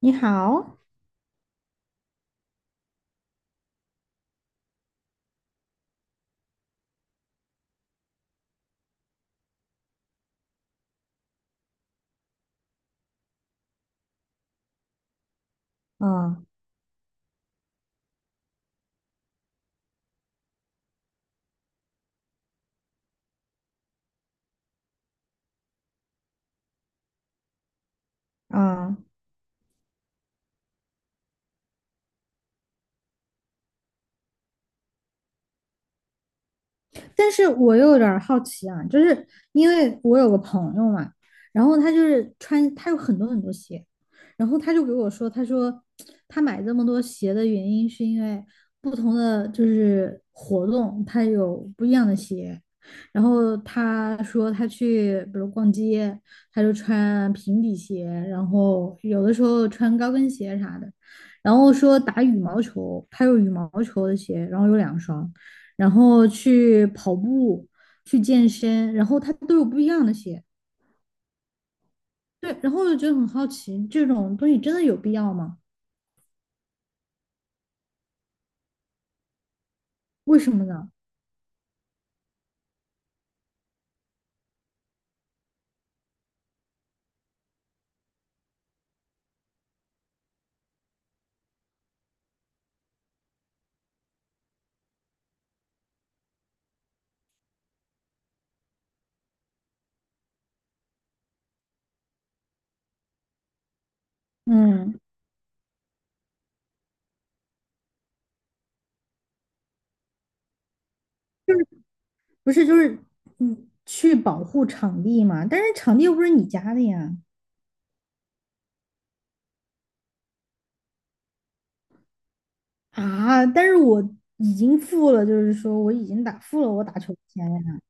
你好。嗯嗯，但是我又有点好奇啊，就是因为我有个朋友嘛，然后他就是穿，他有很多很多鞋，然后他就给我说，他说他买这么多鞋的原因是因为不同的就是活动，他有不一样的鞋。然后他说他去，比如逛街，他就穿平底鞋，然后有的时候穿高跟鞋啥的。然后说打羽毛球，他有羽毛球的鞋，然后有两双。然后去跑步、去健身，然后他都有不一样的鞋。对，然后我就觉得很好奇，这种东西真的有必要吗？为什么呢？嗯，就是不是就是去保护场地嘛？但是场地又不是你家的呀。啊，但是我已经付了，就是说我已经打我打球的钱呀。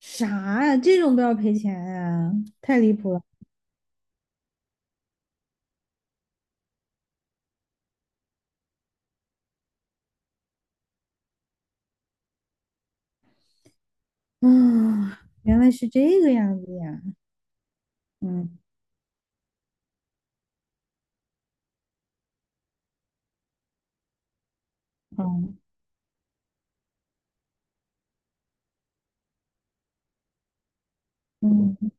啥呀？这种都要赔钱呀？太离谱了。啊，原来是这个样子呀。嗯，好，嗯。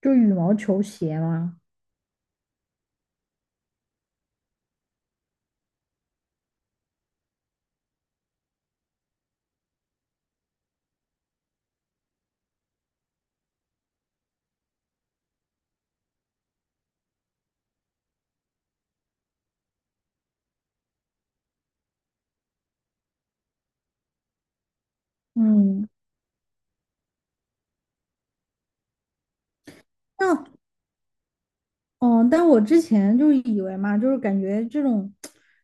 就羽毛球鞋嘛。嗯，那哦，但我之前就是以为嘛，就是感觉这种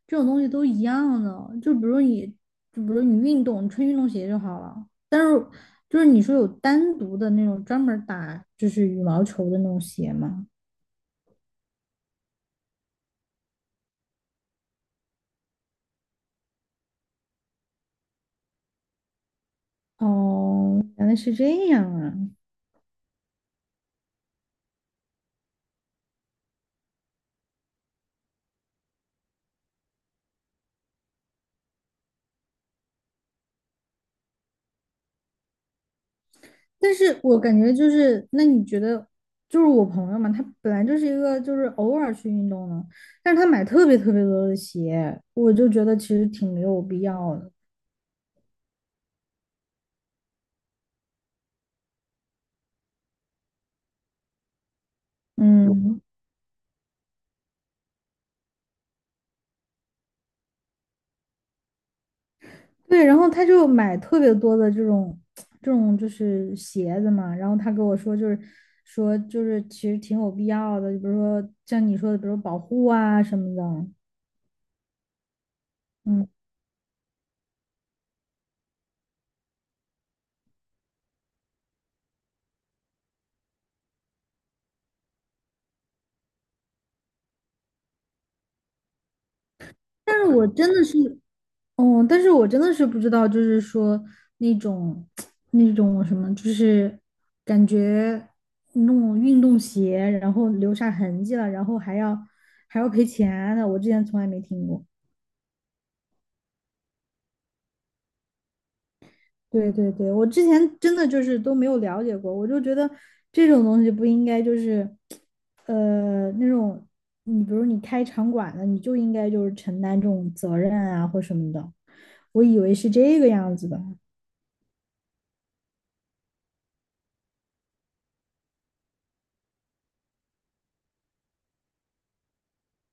东西都一样的，就比如你，就比如你运动，你穿运动鞋就好了。但是就是你说有单独的那种专门儿打就是羽毛球的那种鞋吗？哦，原来是这样啊。但是我感觉就是，那你觉得，就是我朋友嘛，他本来就是一个就是偶尔去运动的，但是他买特别特别多的鞋，我就觉得其实挺没有必要的。嗯，对，然后他就买特别多的这种就是鞋子嘛，然后他跟我说就是说就是其实挺有必要的，比如说像你说的，比如保护啊什么的。嗯，但是我真的是哦，但是我真的是不知道，就是说那种 那种什么，就是感觉弄运动鞋，然后留下痕迹了，然后还要赔钱的，我之前从来没听过。对对对，我之前真的就是都没有了解过，我就觉得这种东西不应该就是，那种你比如你开场馆的，你就应该就是承担这种责任啊或什么的，我以为是这个样子的，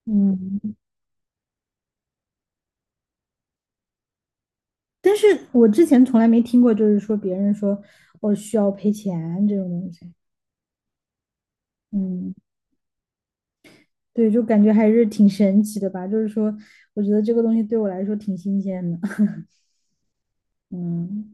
嗯。但是我之前从来没听过，就是说别人说我哦需要赔钱这种东西。嗯，对，就感觉还是挺神奇的吧。就是说，我觉得这个东西对我来说挺新鲜的。嗯，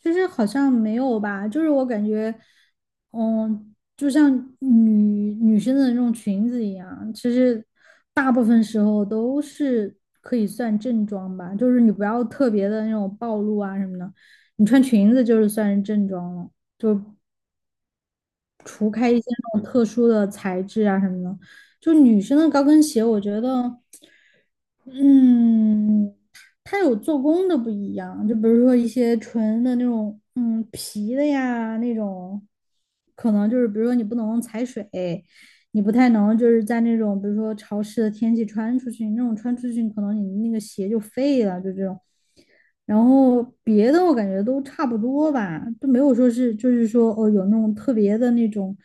就是好像没有吧，就是我感觉，嗯，就像女女生的那种裙子一样，其实大部分时候都是可以算正装吧，就是你不要特别的那种暴露啊什么的，你穿裙子就是算是正装了。除开一些那种特殊的材质啊什么的，就女生的高跟鞋，我觉得嗯，它有做工的不一样，就比如说一些纯的那种，嗯，皮的呀，那种，可能就是比如说你不能踩水，你不太能就是在那种比如说潮湿的天气穿出去，那种穿出去可能你那个鞋就废了，就这种。然后别的我感觉都差不多吧，都没有说是就是说哦有那种特别的那种，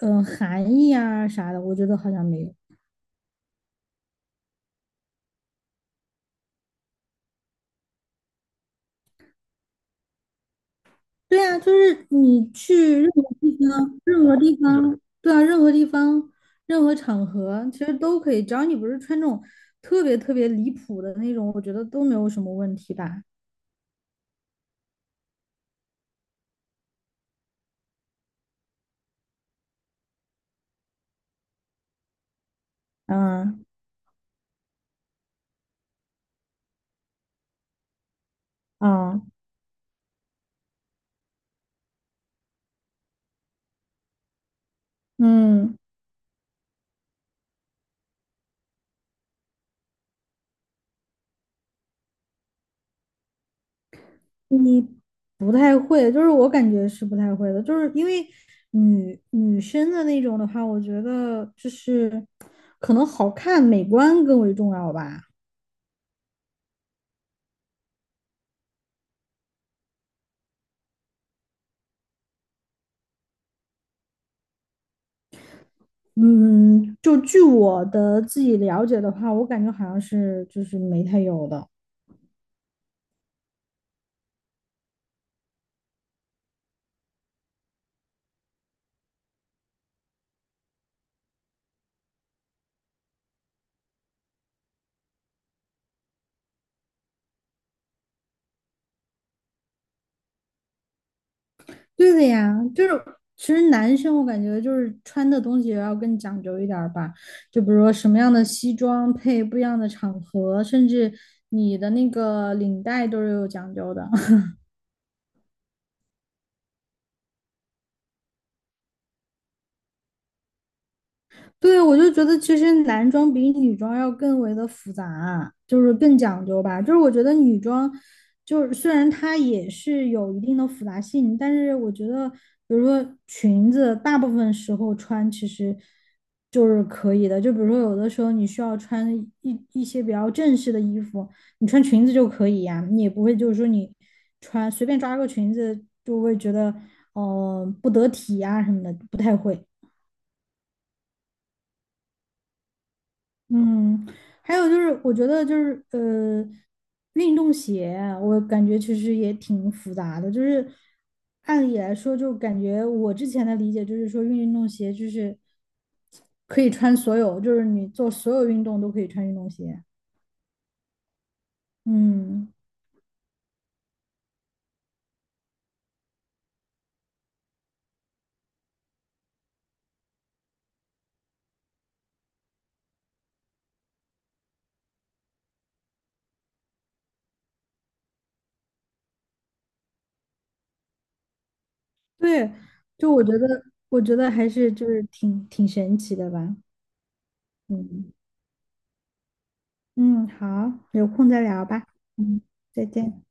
嗯、含义啊啥的，我觉得好像没有。对啊，就是你去任何地方，任何地方，对啊，任何地方，任何场合，其实都可以，只要你不是穿那种特别特别离谱的那种，我觉得都没有什么问题吧。嗯嗯嗯，你不太会，就是我感觉是不太会的，就是因为女生的那种的话，我觉得就是可能好看美观更为重要吧。嗯，就据我的自己了解的话，我感觉好像是就是没太有的。对的呀，就是其实男生我感觉就是穿的东西也要更讲究一点儿吧，就比如说什么样的西装配不一样的场合，甚至你的那个领带都是有讲究的。对，我就觉得其实男装比女装要更为的复杂啊，就是更讲究吧。就是我觉得女装，就是虽然它也是有一定的复杂性，但是我觉得，比如说裙子，大部分时候穿其实就是可以的。就比如说有的时候你需要穿一些比较正式的衣服，你穿裙子就可以呀、你也不会就是说你穿随便抓个裙子就会觉得，不得体呀、什么的，不太会。嗯，还有就是，我觉得就是运动鞋啊我感觉其实也挺复杂的。就是按理来说，就感觉我之前的理解就是说，运动鞋就是可以穿所有，就是你做所有运动都可以穿运动鞋。嗯，对，就我觉得，我觉得还是就是挺神奇的吧。嗯嗯，好，有空再聊吧。嗯，再见。